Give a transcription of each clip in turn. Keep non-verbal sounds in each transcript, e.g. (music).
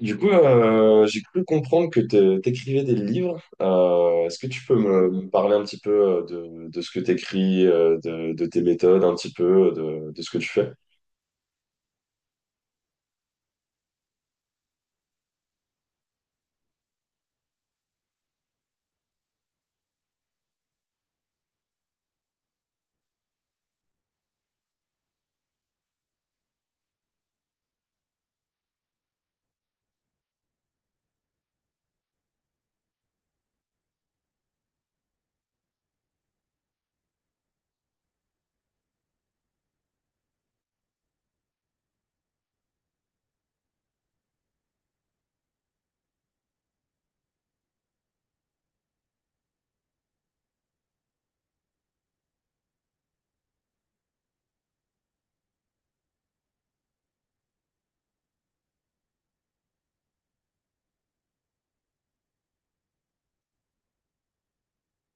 J'ai cru comprendre que tu t'écrivais des livres. Est-ce que tu peux me parler un petit peu de ce que t'écris, de tes méthodes, un petit peu, de ce que tu fais?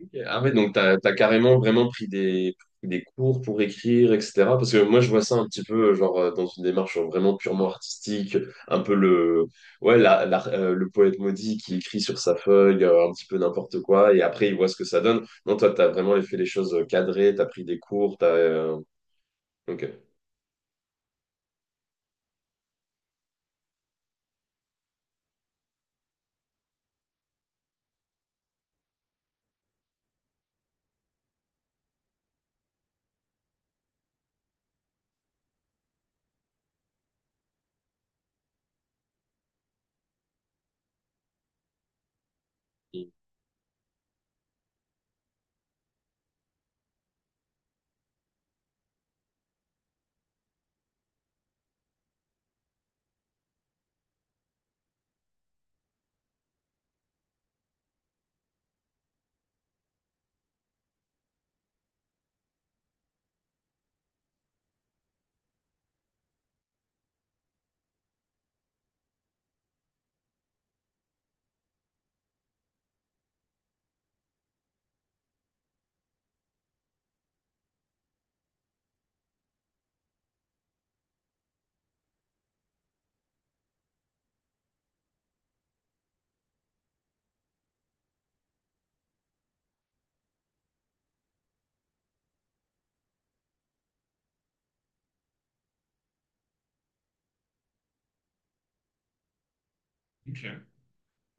Ok. Ah ouais, donc t'as carrément vraiment pris des cours pour écrire, etc. Parce que moi, je vois ça un petit peu, genre, dans une démarche vraiment purement artistique, un peu le, ouais, le poète maudit qui écrit sur sa feuille, un petit peu n'importe quoi, et après, il voit ce que ça donne. Non, toi, t'as vraiment fait les choses cadrées, t'as pris des cours, t'as. Ok.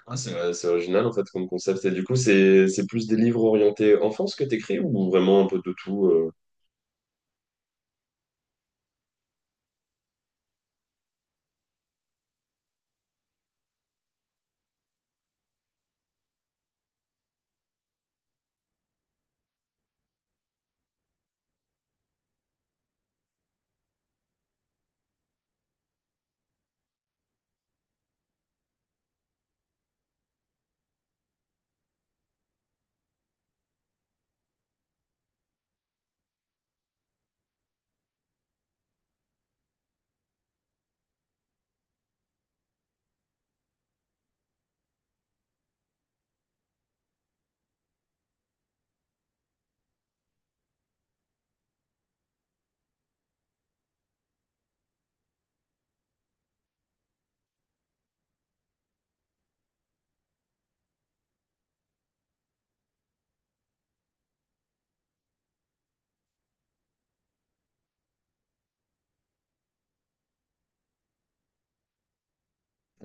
Ah, c'est original en fait comme concept. Et du coup, c'est plus des livres orientés enfance que t'écris ou vraiment un peu de tout.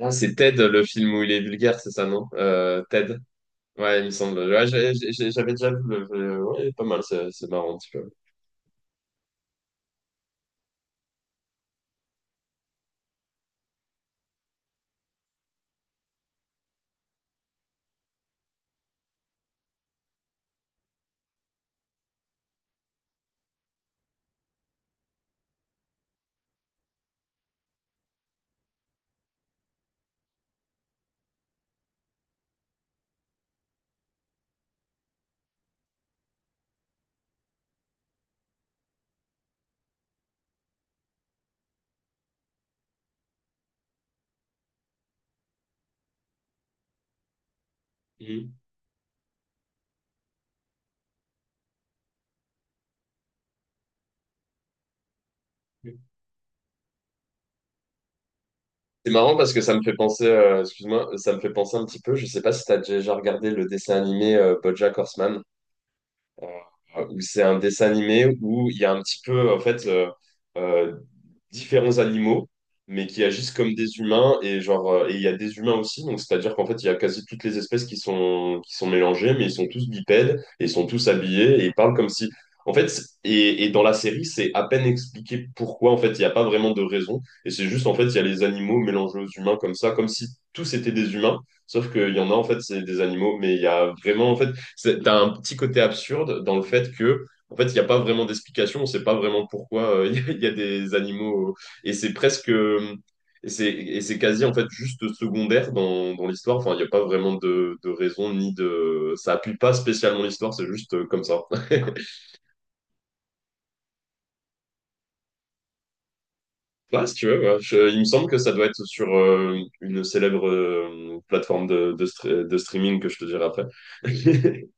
Ah, c'est Ted, le film où il est vulgaire, c'est ça, non? Ted. Ouais, il me semble. Ouais, j'avais déjà vu. Ouais, pas mal, c'est marrant un petit peu. Mhm. C'est marrant parce que ça me fait penser, excuse-moi, ça me fait penser un petit peu. Je sais pas si t'as déjà regardé le dessin animé BoJack Horseman. Où c'est un dessin animé où il y a un petit peu, en fait, euh, différents animaux, mais qui agissent comme des humains, et genre, et il y a des humains aussi, donc c'est-à-dire qu'en fait, il y a quasi toutes les espèces qui sont mélangées, mais ils sont tous bipèdes, et ils sont tous habillés, et ils parlent comme si... En fait, et dans la série, c'est à peine expliqué pourquoi, en fait, il n'y a pas vraiment de raison, et c'est juste, en fait, il y a les animaux mélangés aux humains comme ça, comme si tous étaient des humains, sauf qu'il y en a, en fait, c'est des animaux, mais il y a vraiment, en fait, c'est, t'as un petit côté absurde dans le fait que, en fait, il n'y a pas vraiment d'explication, on ne sait pas vraiment pourquoi il (laughs) des animaux. Et c'est presque. Et c'est quasi en fait juste secondaire dans, dans l'histoire. Enfin, il n'y a pas vraiment de raison ni de. Ça appuie pas spécialement l'histoire, c'est juste comme ça. (laughs) Ouais, si tu veux, ouais. Il me semble que ça doit être sur une célèbre plateforme de, de streaming que je te dirai après. (laughs)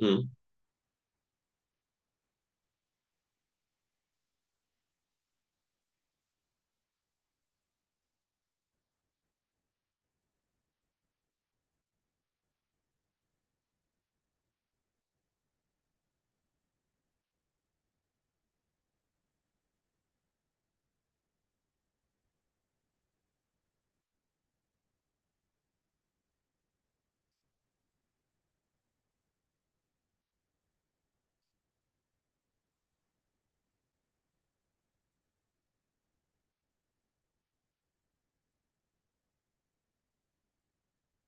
Hmm,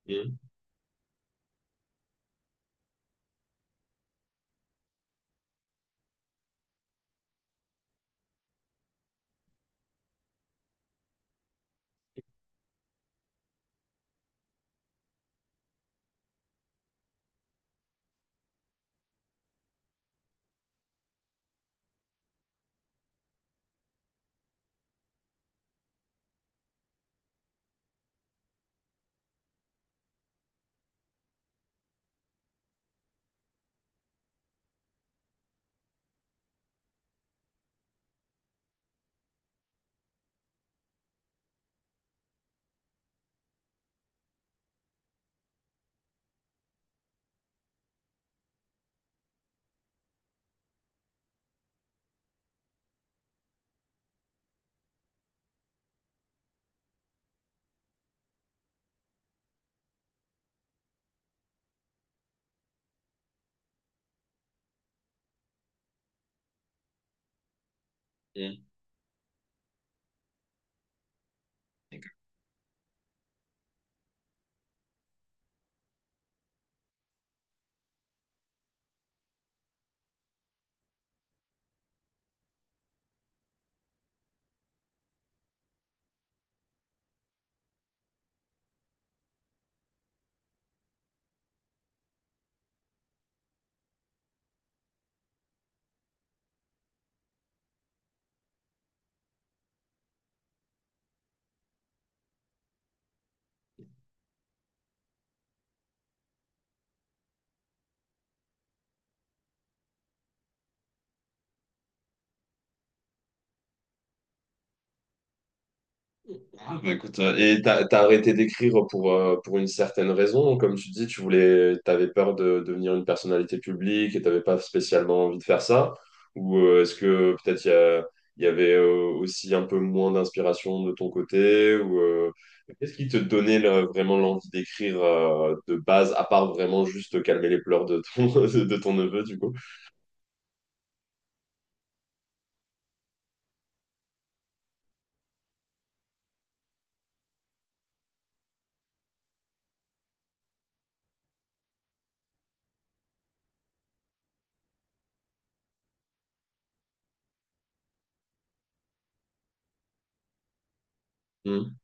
hmm, hmm. Ah, bah écoute, et t'as arrêté d'écrire pour une certaine raison, comme tu dis, tu voulais, t'avais peur de devenir une personnalité publique et t'avais pas spécialement envie de faire ça, ou est-ce que peut-être il y avait aussi un peu moins d'inspiration de ton côté, ou qu'est-ce qui te donnait vraiment l'envie d'écrire de base, à part vraiment juste calmer les pleurs de ton, (laughs) de ton neveu, du coup? Hmm.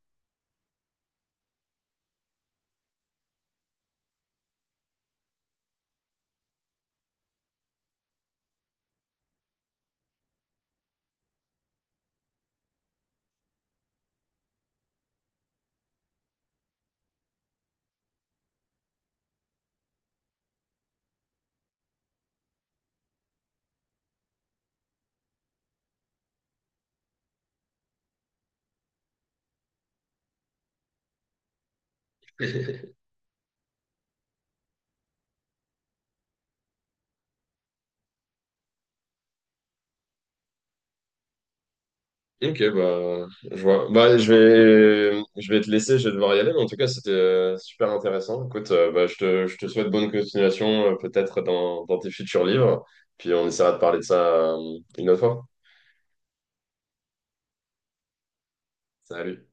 (laughs) Ok, bah, je vois. Bah, je vais te laisser, je vais devoir y aller, mais en tout cas, c'était super intéressant. Écoute, bah, je te souhaite bonne continuation, peut-être dans, dans tes futurs livres, puis on essaiera de parler de ça une autre fois. Salut.